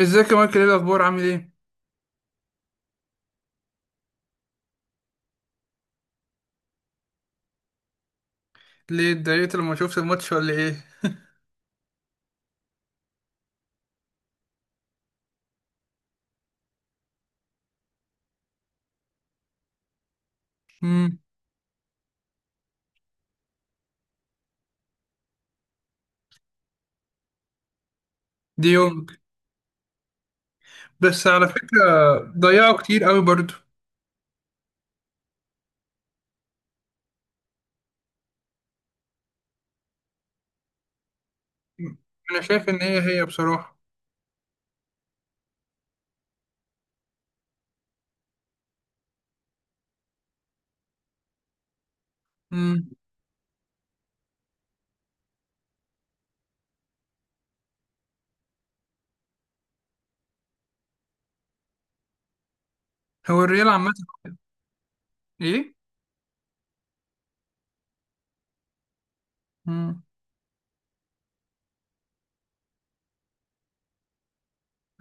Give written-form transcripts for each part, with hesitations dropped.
ازيك يا مايكل، ايه الاخبار، عامل ايه؟ ليه اتضايقت لما شفت الماتش ولا ايه؟ امم دي يومك. بس على فكره. ضيعوا كتير قوي برضو. مم. انا شايف ان هي بصراحه. امم هو الريال عامه؟ ايه. امم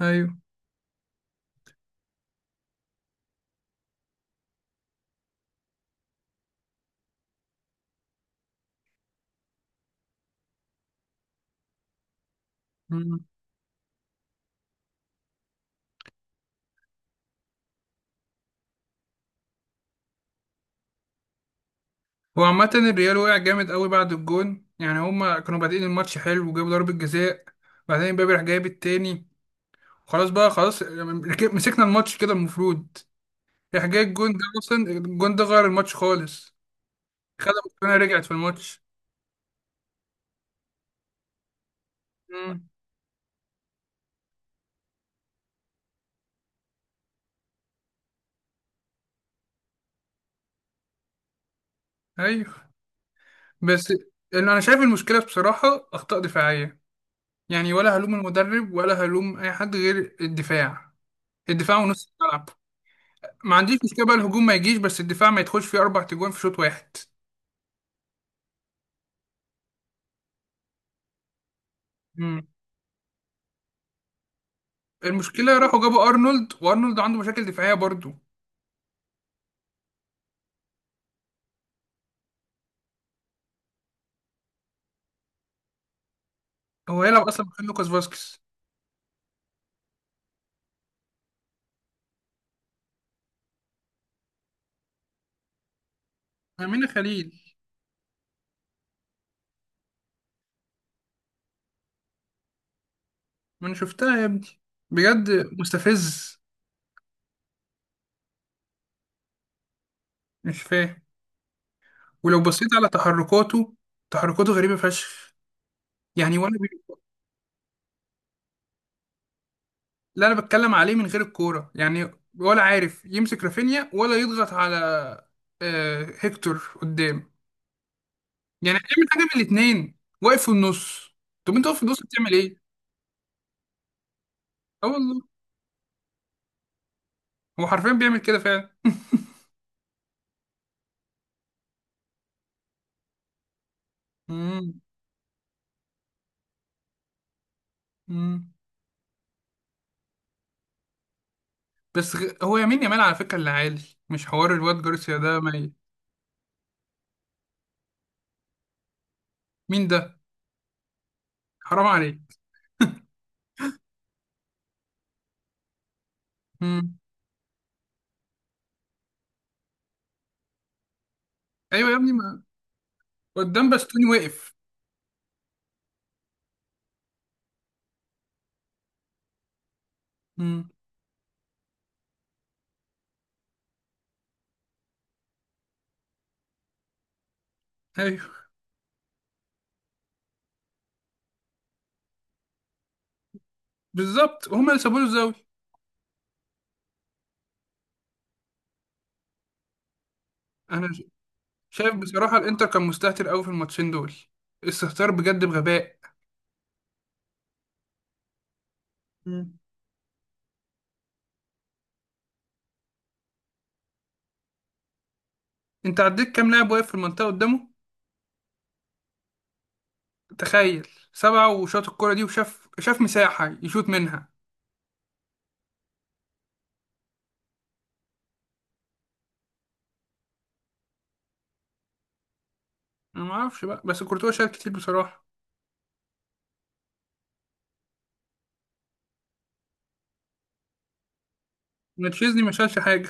ايوه. امم هو عامه الريال وقع جامد قوي بعد الجون، يعني هما كانوا بادئين الماتش حلو وجابوا ضربه جزاء، وبعدين امبابي راح جايب التاني. خلاص بقى، خلاص مسكنا الماتش كده المفروض. راح جاي الجون ده، اصلا الجون ده غير الماتش خالص. خدها، رجعت في الماتش. ايوه، بس اللي انا شايف المشكله بصراحه اخطاء دفاعيه، يعني ولا هلوم المدرب ولا هلوم اي حد غير الدفاع، الدفاع ونص الملعب. ما عنديش مشكله بقى الهجوم ما يجيش، بس الدفاع ما يدخلش فيه اربع تجوان في شوط واحد. امم المشكله راحوا جابوا ارنولد، وارنولد عنده مشاكل دفاعيه برضه. هو هيلعب اصلا مكان لوكاس فاسكيز. امينه خليل. ما انا شفتها يا ابني، بجد. مستفز. مش فاهم. ولو بصيت على تحركاته، تحركاته غريبه فشخ. يعني ولا بي... اللي انا بتكلم عليه من غير الكوره، يعني ولا عارف يمسك رافينيا ولا يضغط على آه، هيكتور قدام. يعني بيعمل حاجه من الاثنين، واقف في النص. طب انت واقف في النص بتعمل ايه؟ اه والله، هو حرفيا بيعمل كده فعلا. مم. مم. بس هو يمين يامال على فكره اللي عالي. مش حوار الواد جارسيا ده ما... مين ده؟ حرام عليك. مم. ايوه يا ابني، ما قدام باستوني واقف. مم. ايوه، بالظبط هما اللي سابوا له الزاويه. انا شايف بصراحة الانتر كان مستهتر قوي في الماتشين دول، استهتار بجد بغباء. مم. انت عديت كام لاعب واقف في المنطقة قدامه؟ تخيل، سبعة وشاط الكرة دي، وشاف مساحة يشوط منها. انا ما اعرفش بقى، بس كورتوا شال كتير بصراحة. ما تشيزني ما شالش حاجة.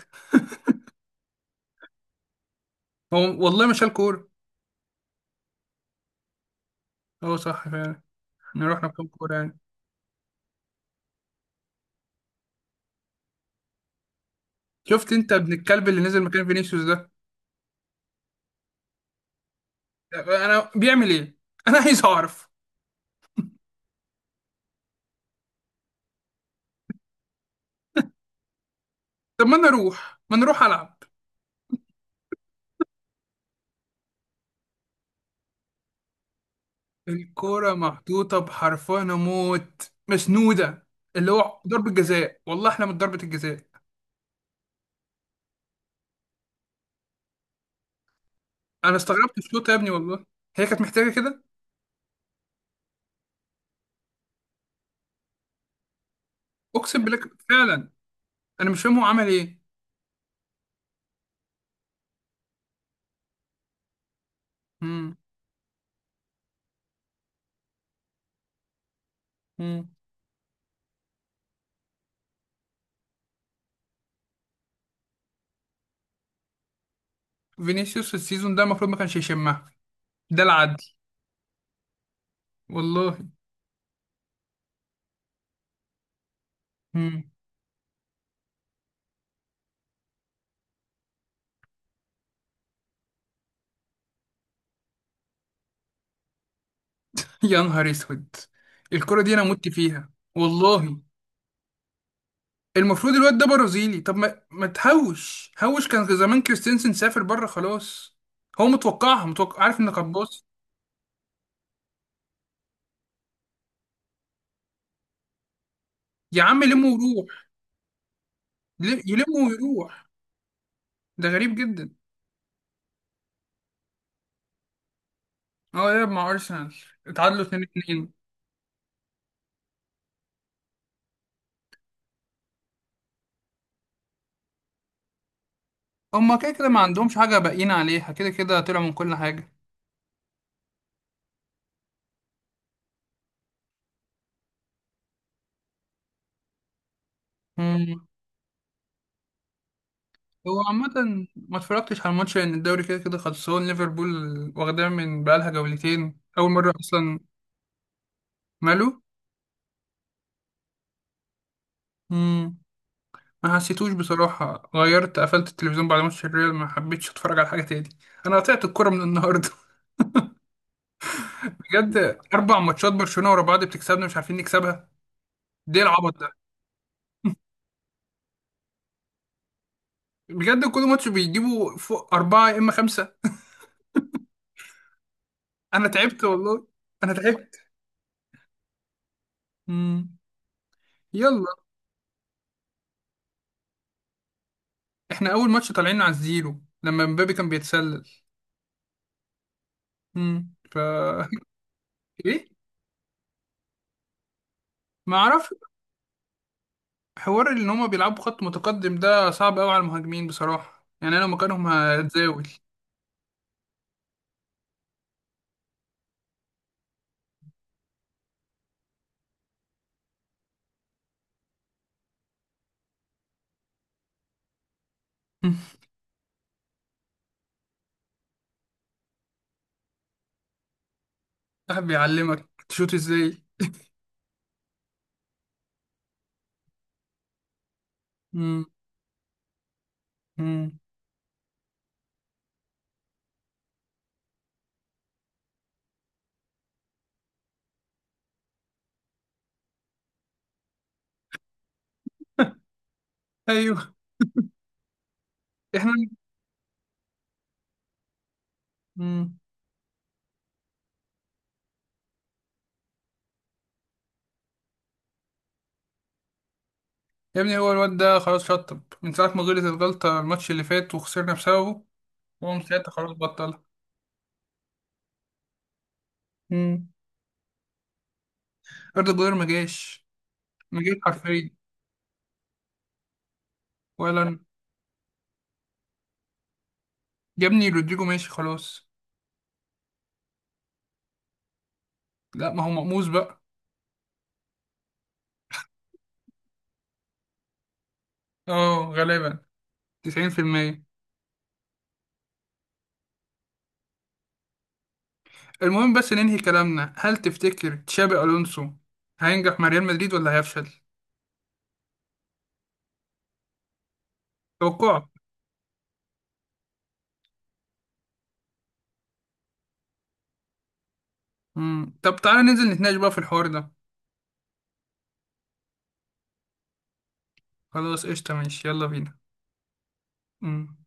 هو والله ما شال كورة. هو صح فعلا. احنا رحنا بكام كورة يعني؟ شفت انت ابن الكلب اللي نزل مكان فينيسيوس ده؟ انا بيعمل ايه؟ انا عايز اعرف. طب ما انا اروح، ما نروح العب. الكرة محطوطة بحرفان موت، مسنودة، اللي هو ضربة جزاء، والله احنا من ضربة الجزاء. انا استغربت الشوط يا ابني والله. هي كانت محتاجة كده. اقسم بالله فعلا. انا مش فاهم هو عمل ايه. مم. مم. فينيسيوس السيزون ده المفروض ما كانش يشمها، ده العدل. والله. مم. يا نهار اسود، الكرة دي انا مت فيها والله. المفروض الواد ده برازيلي، طب ما تهوش هوش، كان زمان كريستنسن سافر بره خلاص. هو متوقعها، متوقع عارف انك هتباص. يا عم لمه ويروح. يلمه ويروح. ده غريب جدا. اه يلعب مع ارسنال، اتعادلوا 2-2. هما كده كده ما عندهمش حاجه باقيين عليها، كده كده طلعوا من كل حاجه. مم. هو عامه ما اتفرجتش على الماتش لان الدوري كده كده خلصان، ليفربول واخداه من بقالها جولتين، اول مره اصلا. ماله. مم. ما حسيتوش بصراحه، غيرت قفلت التلفزيون بعد ماتش الريال، ما حبيتش اتفرج على حاجه تاني. انا قطعت الكوره من النهارده. بجد، اربع ماتشات برشلونه ورا بعض بتكسبنا مش عارفين نكسبها، دي العبط. بجد كل ماتش بيجيبوا فوق أربعة يا إما خمسة. أنا تعبت والله، أنا تعبت. مم. يلا. إحنا أول ماتش طالعين على الزيرو لما مبابي كان بيتسلل. مم. إيه؟ ما أعرف. حوار إن هما بيلعبوا خط متقدم ده صعب أوي على المهاجمين بصراحة، يعني أنا لو مكانهم هتزاول. مم. صاحب بيعلمك تشوت إزاي. مم. مم. أيوه. إحنا. مم. يا ابني هو الواد ده خلاص شطب من ساعة ما غلط الغلطة الماتش اللي فات وخسرنا بسببه، هو من ساعتها خلاص بطل. مم. أردا جولر ما جاش، ما جاش حرفيا. ولا أنا. يا ابني رودريجو ماشي خلاص. لا، ما هو مقموص بقى. اه غالبا، 90%. المهم بس ننهي كلامنا، هل تفتكر تشابي ألونسو هينجح مع ريال مدريد ولا هيفشل؟ توقعك. مم. طب تعالى ننزل نتناقش بقى في الحوار ده. خلاص قشطة، ماشي، يلا بينا. مم.